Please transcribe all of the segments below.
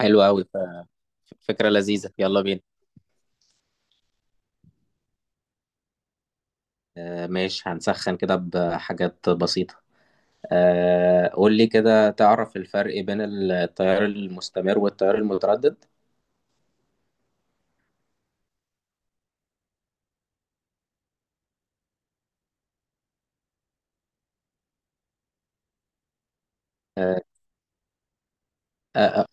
حلو قوي. فكرة لذيذة، يلا بينا. ماشي، هنسخن كده بحاجات بسيطة. قول لي كده، تعرف الفرق بين التيار المستمر والتيار المتردد؟ آه آه آه،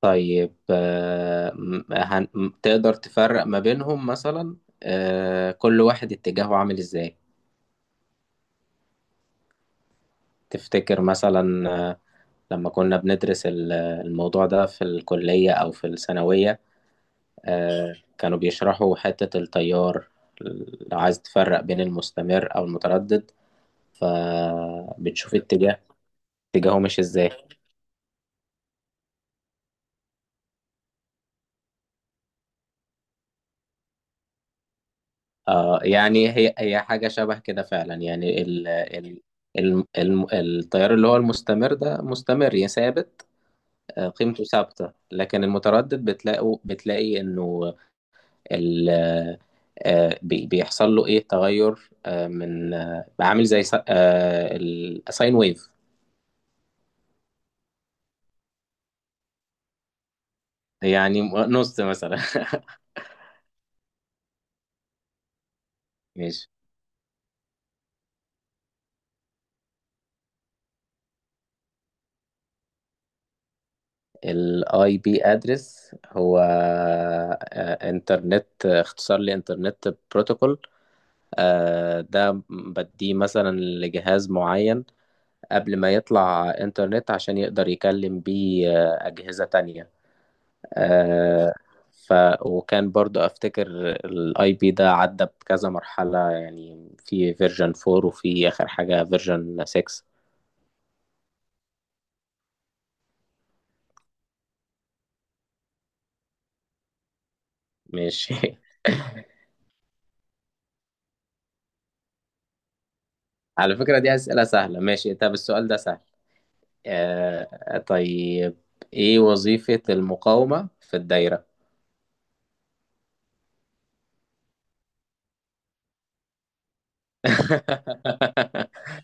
طيب. تقدر تفرق ما بينهم مثلا؟ كل واحد اتجاهه عامل ازاي؟ تفتكر مثلا. لما كنا بندرس الموضوع ده في الكلية أو في الثانوية، كانوا بيشرحوا حتة التيار. لو عايز تفرق بين المستمر أو المتردد فبتشوف اتجاه، اتجاهه مش ازاي. يعني هي حاجة شبه كده فعلا، يعني التيار اللي هو المستمر ده مستمر يا ثابت، قيمته ثابتة. لكن المتردد بتلاقي انه ال بيحصل له ايه تغير، آه، من آه، عامل زي ساين ويف. يعني نص مثلا. ماشي. الاي بي ادرس هو آه، انترنت آه، اختصار لانترنت بروتوكول، ده بديه مثلا لجهاز معين قبل ما يطلع انترنت عشان يقدر يكلم بيه أجهزة تانية. آه، ف وكان برضو افتكر الاي بي ده عدى بكذا مرحلة، يعني في فيرجن 4 وفي اخر حاجة فيرجن 6. ماشي. على فكرة دي أسئلة سهلة. ماشي، طب السؤال ده سهل. طيب، إيه وظيفة المقاومة في الدايرة؟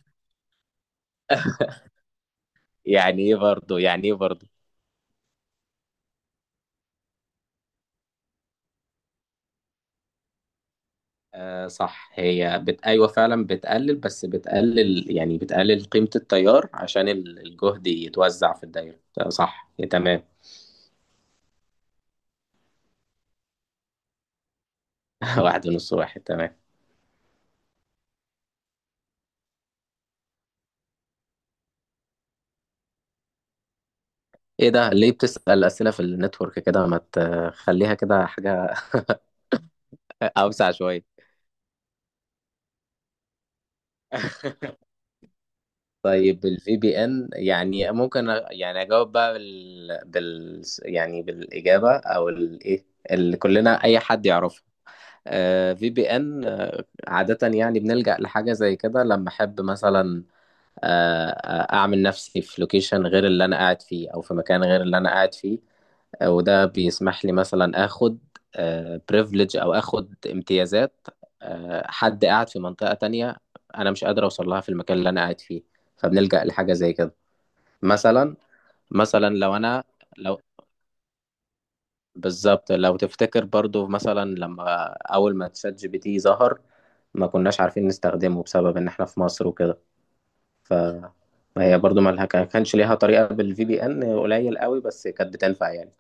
يعني إيه برضه، يعني إيه برضه؟ صح، أيوة فعلا بتقلل، بس بتقلل يعني بتقلل قيمة التيار عشان الجهد يتوزع في الدايرة. صح، تمام. واحد ونص واحد، تمام. إيه ده، ليه بتسأل أسئلة في النتورك كده؟ ما تخليها كده حاجة أوسع شوية. طيب الفي بي ان يعني ممكن يعني اجاوب بقى يعني بالاجابه او الايه اللي كلنا اي حد يعرفها. في بي ان عاده يعني بنلجأ لحاجه زي كده لما احب مثلا اعمل نفسي في لوكيشن غير اللي انا قاعد فيه او في مكان غير اللي انا قاعد فيه. وده بيسمح لي مثلا اخد بريفليج او اخد امتيازات حد قاعد في منطقه تانية انا مش قادر اوصل لها في المكان اللي انا قاعد فيه، فبنلجأ لحاجه زي كده مثلا. مثلا لو انا لو بالظبط، لو تفتكر برضو مثلا، لما اول ما تشات جي بي تي ظهر ما كناش عارفين نستخدمه بسبب ان احنا في مصر وكده. ف هي برضو ما لها- كان- كانش ليها طريقة، بالفي بي ان قليل قوي بس كانت بتنفع يعني.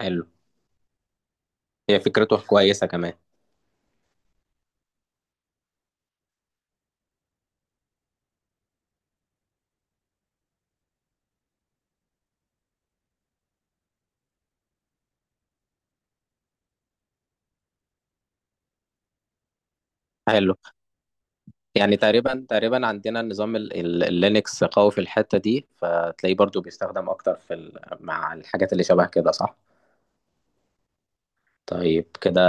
حلو، هي فكرته كويسة كمان. حلو. يعني تقريبا تقريبا عندنا النظام اللينكس قوي في الحتة دي، فتلاقيه برضو بيستخدم اكتر في مع الحاجات اللي شبه كده، صح. طيب كده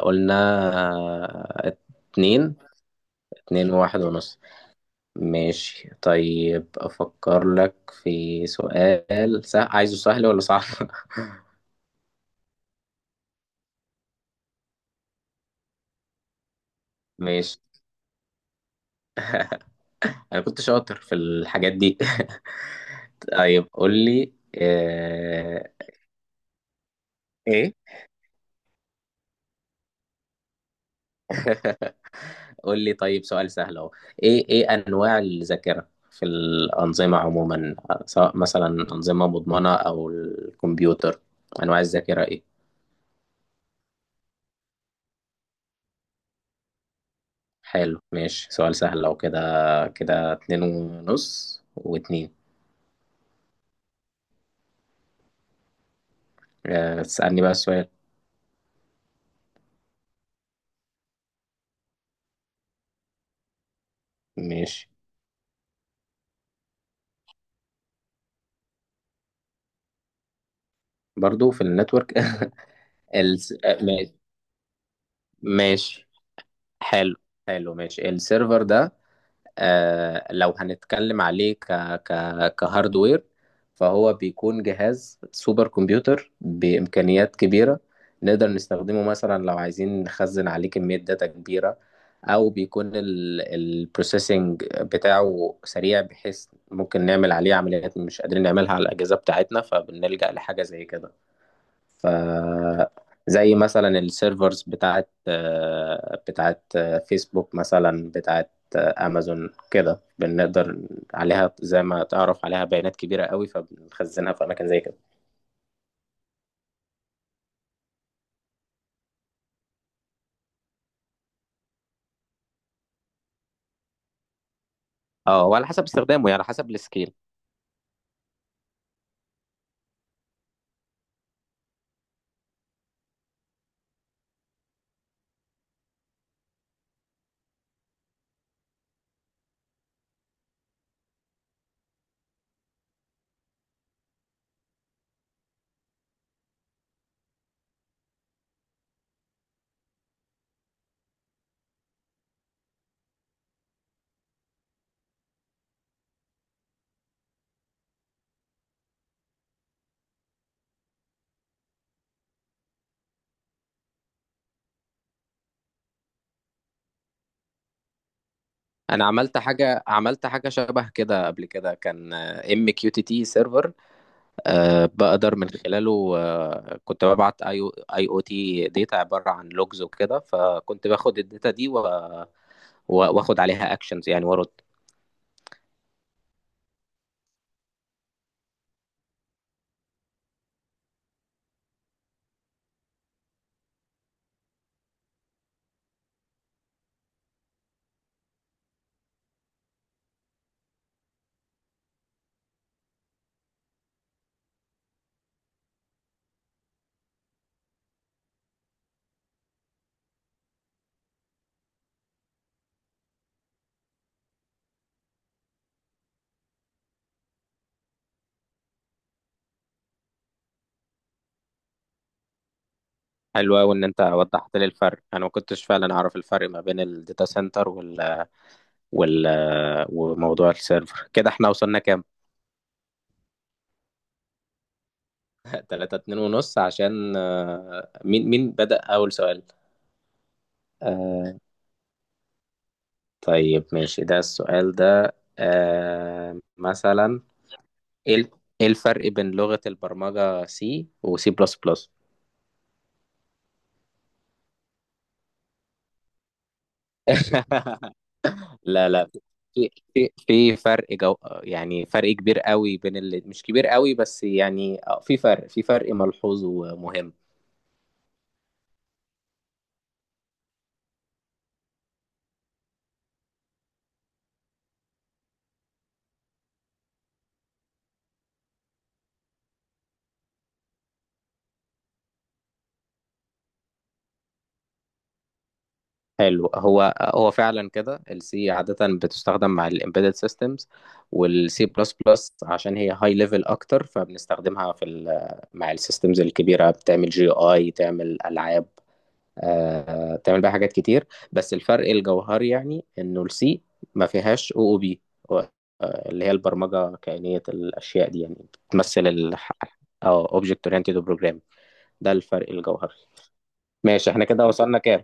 قلنا آه، اتنين. اتنين وواحد ونص. ماشي، طيب أفكر لك في سؤال سهل. عايزه سهل ولا صعب؟ ماشي، أنا كنت شاطر في الحاجات دي. طيب قول لي، آه، ايه قول لي طيب سؤال سهل اهو. ايه ايه انواع الذاكره في الانظمه عموما، سواء مثلا انظمه مضمونه او الكمبيوتر؟ انواع الذاكره ايه؟ حلو ماشي، سؤال سهل لو كده. كده اتنين ونص واتنين. تسألني بقى السؤال. ماشي. برضو في النتورك؟ الس... آه، ما- ماشي. حلو، حلو ماشي. السيرفر ده لو هنتكلم عليه ك ك كهاردوير، فهو بيكون جهاز سوبر كمبيوتر بإمكانيات كبيرة، نقدر نستخدمه مثلا لو عايزين نخزن عليه كمية داتا كبيرة، أو بيكون البروسيسنج بتاعه سريع بحيث ممكن نعمل عليه عمليات مش قادرين نعملها على الأجهزة بتاعتنا، فبنلجأ لحاجة زي كده. ف زي مثلا السيرفرز بتاعت فيسبوك، مثلا بتاعت امازون كده. بنقدر عليها زي ما تعرف عليها بيانات كبيرة قوي، فبنخزنها في اماكن زي كده. اه، وعلى حسب استخدامه يعني على حسب السكيل. انا عملت حاجة، عملت حاجة شبه كده قبل كده، كان ام كيو تي تي سيرفر، بقدر من خلاله كنت ببعت اي او تي داتا عبارة عن لوجز وكده، فكنت باخد الداتا دي واخد عليها اكشنز يعني وارد. حلو قوي ان انت وضحت لي الفرق، انا ما كنتش فعلا اعرف الفرق ما بين الداتا سنتر وال وال وموضوع السيرفر. كده احنا وصلنا كام؟ 3 2 ونص. عشان مين مين بدأ اول سؤال؟ آه، طيب ماشي، ده السؤال ده مثلا ايه ال- إيه الفرق بين لغة البرمجة سي وسي بلس بلس؟ لا لا، في فرق جو، يعني فرق كبير قوي، بين اللي مش كبير قوي بس يعني، في فرق ملحوظ ومهم. حلو، هو هو فعلا كده، السي عادة بتستخدم مع الامبيدد سيستمز، والسي بلس بلس عشان هي هاي ليفل اكتر فبنستخدمها في مع السيستمز الكبيرة، بتعمل جي اي، تعمل العاب، بتعمل بيها حاجات كتير. بس الفرق الجوهري يعني انه السي ما فيهاش او او بي اللي هي البرمجه كائنيه الاشياء دي، يعني بتمثل ال او اوبجكت اورينتد بروجرام. ده الفرق الجوهري. ماشي، احنا كده وصلنا كام؟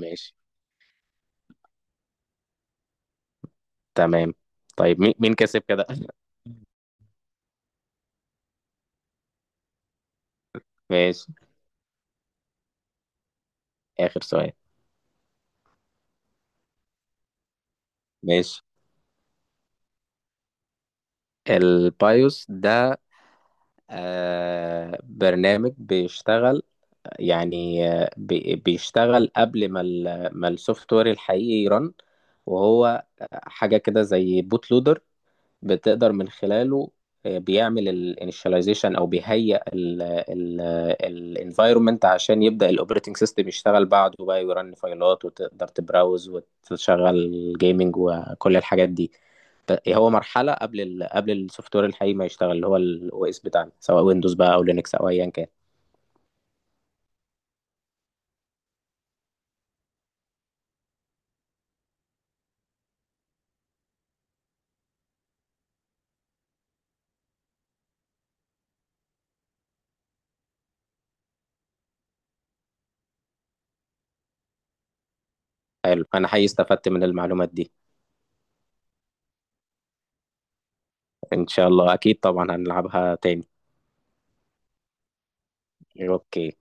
ماشي، تمام. طيب مين مين كسب كده؟ ماشي، اخر سؤال. ماشي. البايوس ده برنامج بيشتغل يعني، بيشتغل قبل ما السوفت وير الحقيقي يرن، وهو حاجة كده زي بوت لودر. بتقدر من خلاله بيعمل الانيشاليزيشن او بيهيئ الانفايرمنت عشان يبدأ الاوبريتنج سيستم يشتغل بعده بقى، ويرن فايلات وتقدر تبراوز وتشغل جيمنج وكل الحاجات دي. هو مرحلة قبل قبل السوفت وير الحقيقي ما يشتغل، اللي هو الاو اس بتاعنا، سواء ويندوز بقى او لينكس او ايا كان. حلو، انا حقيقي استفدت من المعلومات دي. ان شاء الله، اكيد طبعا هنلعبها تاني. اوكي.